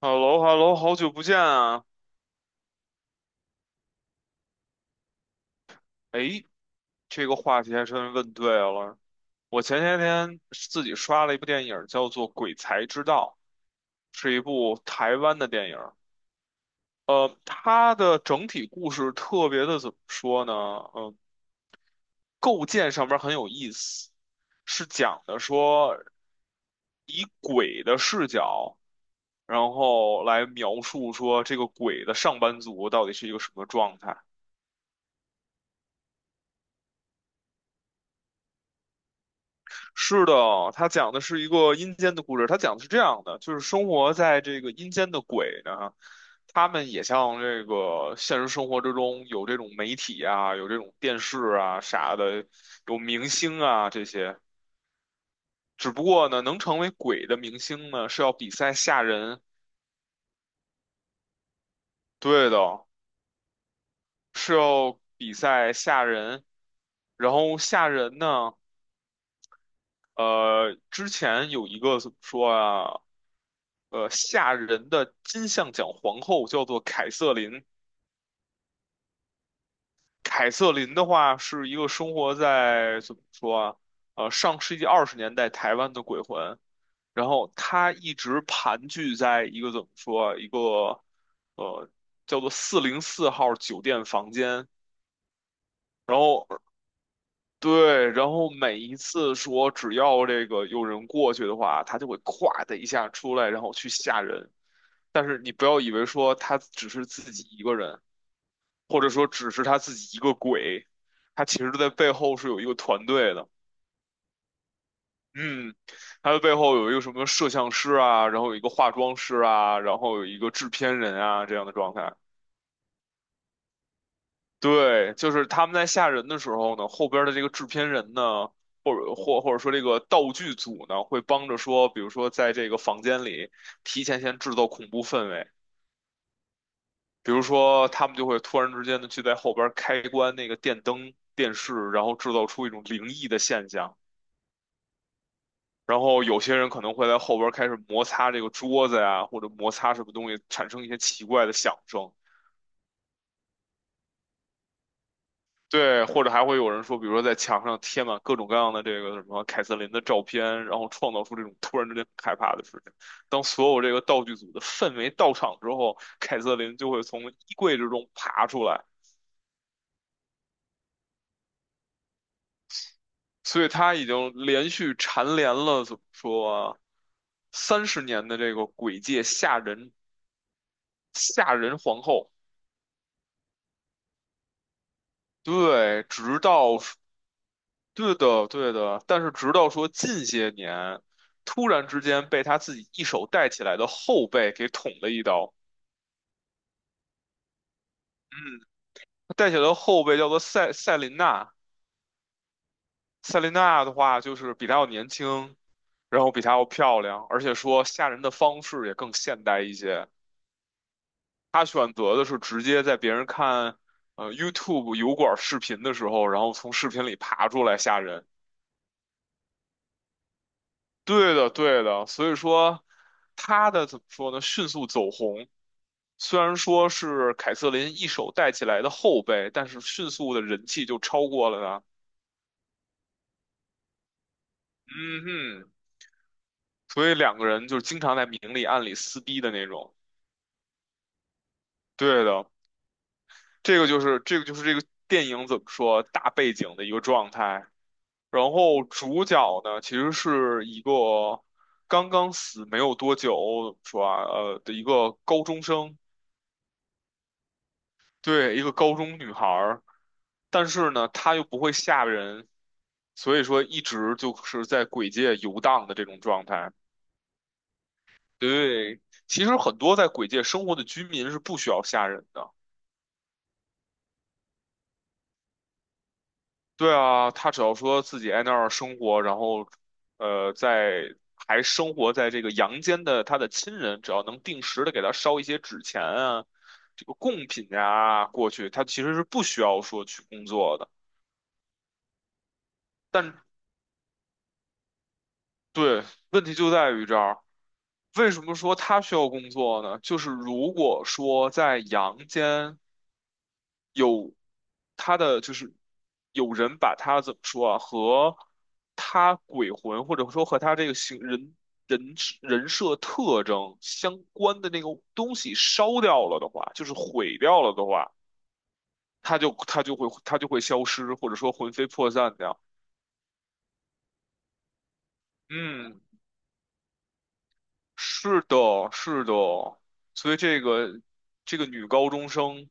h e l l o h e l l o 好久不见啊！哎，这个话题还真问对了。我前些天自己刷了一部电影，叫做《鬼才之道》，是一部台湾的电影。它的整体故事特别的怎么说呢？嗯、构建上面很有意思，是讲的说以鬼的视角，然后来描述说这个鬼的上班族到底是一个什么状态。是的，他讲的是一个阴间的故事。他讲的是这样的，就是生活在这个阴间的鬼呢，他们也像这个现实生活之中有这种媒体啊，有这种电视啊啥的，有明星啊这些。只不过呢，能成为鬼的明星呢，是要比赛吓人。对的，是要比赛吓人。然后吓人呢。之前有一个怎么说啊？吓人的金像奖皇后叫做凯瑟琳。凯瑟琳的话是一个生活在怎么说啊？上世纪二十年代台湾的鬼魂，然后她一直盘踞在一个怎么说啊一个呃叫做四零四号酒店房间，然后。对，然后每一次说只要这个有人过去的话，他就会咵的一下出来，然后去吓人。但是你不要以为说他只是自己一个人，或者说只是他自己一个鬼，他其实在背后是有一个团队的。嗯，他的背后有一个什么摄像师啊，然后有一个化妆师啊，然后有一个制片人啊这样的状态。对，就是他们在吓人的时候呢，后边儿的这个制片人呢，或者说这个道具组呢，会帮着说，比如说在这个房间里提前先制造恐怖氛围，比如说他们就会突然之间的去在后边儿开关那个电灯、电视，然后制造出一种灵异的现象，然后有些人可能会在后边儿开始摩擦这个桌子呀，或者摩擦什么东西，产生一些奇怪的响声。对，或者还会有人说，比如说在墙上贴满各种各样的这个什么凯瑟琳的照片，然后创造出这种突然之间很害怕的事情。当所有这个道具组的氛围到场之后，凯瑟琳就会从衣柜之中爬出来，所以她已经连续蝉联了怎么说三十年的这个鬼界吓人皇后。对，直到对的，对的，但是直到说近些年，突然之间被他自己一手带起来的后辈给捅了一刀。嗯，他带起来的后辈叫做赛琳娜，赛琳娜的话就是比他要年轻，然后比他要漂亮，而且说吓人的方式也更现代一些。他选择的是直接在别人看YouTube 油管视频的时候，然后从视频里爬出来吓人。对的，对的，所以说他的怎么说呢？迅速走红，虽然说是凯瑟琳一手带起来的后辈，但是迅速的人气就超过了他。嗯哼，所以两个人就是经常在明里暗里撕逼的那种。对的，这个就是这个电影怎么说大背景的一个状态。然后主角呢，其实是一个刚刚死没有多久，的一个高中生。对，一个高中女孩儿，但是呢，她又不会吓人，所以说一直就是在鬼界游荡的这种状态。对，其实很多在鬼界生活的居民是不需要吓人的。对啊，他只要说自己在那儿生活，然后，在还生活在这个阳间的他的亲人，只要能定时的给他烧一些纸钱啊，这个贡品呀过去，他其实是不需要说去工作的。但对，问题就在于这儿。为什么说他需要工作呢？就是如果说在阳间有他的，就是有人把他怎么说啊，和他鬼魂或者说和他这个形人人人设特征相关的那个东西烧掉了的话，就是毁掉了的话，他就会消失，或者说魂飞魄散掉。嗯，是的，是的，所以这个女高中生。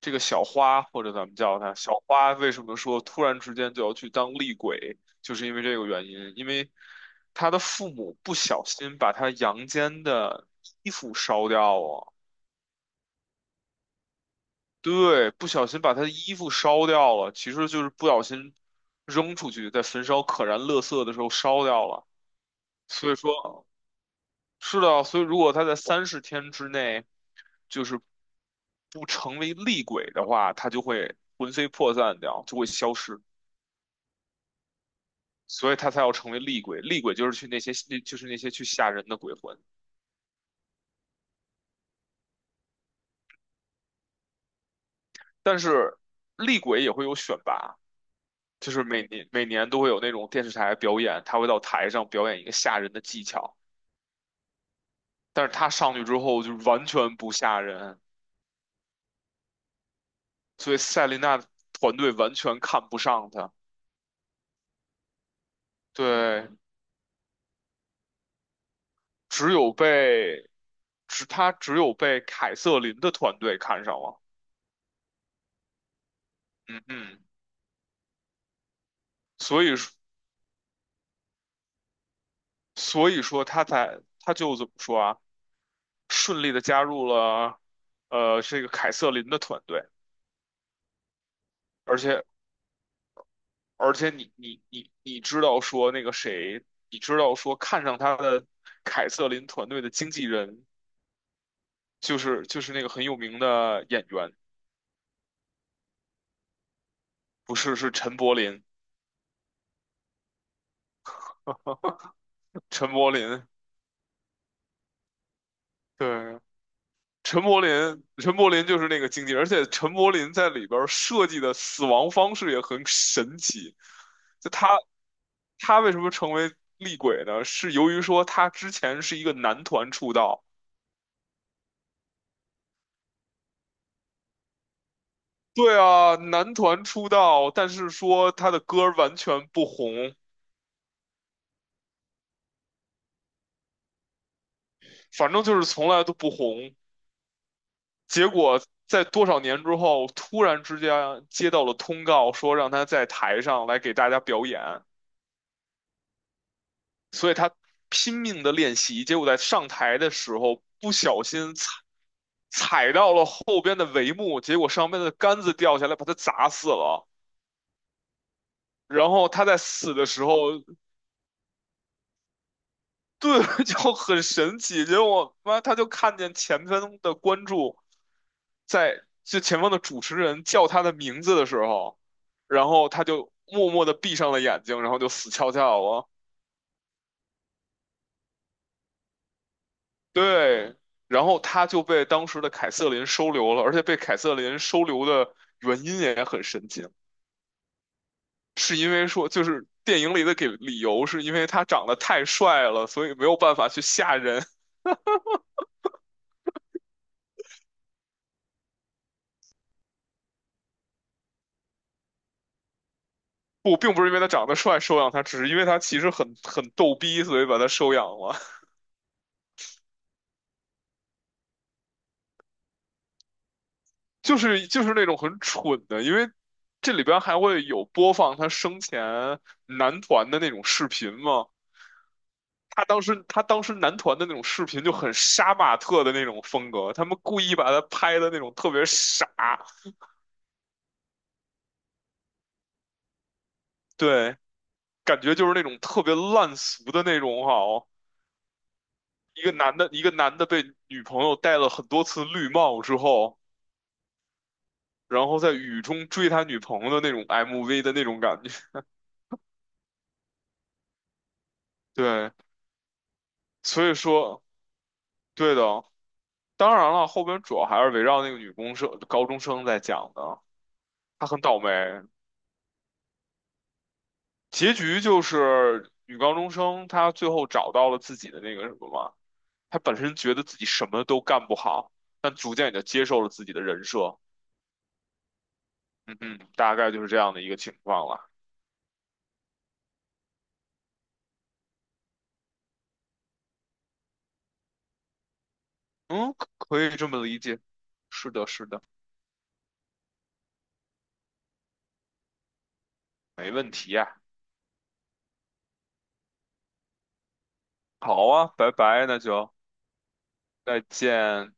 这个小花，或者咱们叫它小花，为什么说突然之间就要去当厉鬼，就是因为这个原因，因为他的父母不小心把他阳间的衣服烧掉了，对，不小心把他的衣服烧掉了，其实就是不小心扔出去，在焚烧可燃垃圾的时候烧掉了，所以说是的，所以如果他在三十天之内就是不成为厉鬼的话，他就会魂飞魄散掉，就会消失。所以他才要成为厉鬼。厉鬼就是去那些，就是那些去吓人的鬼魂。但是厉鬼也会有选拔，就是每年每年都会有那种电视台表演，他会到台上表演一个吓人的技巧。但是他上去之后就完全不吓人，所以赛琳娜团队完全看不上他。对，只有被，只有被凯瑟琳的团队看上了。嗯嗯，所以说所以说他就怎么说啊？顺利的加入了这个凯瑟琳的团队，而且而且你知道说那个谁，你知道说看上他的凯瑟琳团队的经纪人就是那个很有名的演员，不是，是陈柏霖，陈柏霖，对。陈柏霖就是那个经纪人，而且陈柏霖在里边儿设计的死亡方式也很神奇。就他他为什么成为厉鬼呢？是由于说他之前是一个男团出道，对啊，男团出道，但是说他的歌儿完全不红，反正就是从来都不红。结果在多少年之后，突然之间接到了通告，说让他在台上来给大家表演，所以他拼命的练习，结果在上台的时候不小心踩到了后边的帷幕，结果上面的杆子掉下来，把他砸死了。然后他在死的时候，对，就很神奇，结果妈他就看见前方的观众在就前方的主持人叫他的名字的时候，然后他就默默的闭上了眼睛，然后就死翘翘了。对，然后他就被当时的凯瑟琳收留了，而且被凯瑟琳收留的原因也很神奇，是因为说就是电影里的给理由是因为他长得太帅了，所以没有办法去吓人。不，并不是因为他长得帅收养他，只是因为他其实很逗逼，所以把他收养了。就是那种很蠢的，因为这里边还会有播放他生前男团的那种视频嘛。他当时男团的那种视频就很杀马特的那种风格，他们故意把他拍的那种特别傻，对，感觉就是那种特别烂俗的那种哈哦。一个男的被女朋友戴了很多次绿帽之后。然后在雨中追他女朋友的那种 MV 的那种感觉。对，所以说，对的。当然了，后边主要还是围绕那个女公生、高中生在讲的。她很倒霉，结局就是女高中生她最后找到了自己的那个什么嘛。她本身觉得自己什么都干不好，但逐渐也就接受了自己的人设。嗯嗯，大概就是这样的一个情况了。嗯，可以这么理解。是的，是的，没问题呀。好啊，拜拜，那就再见。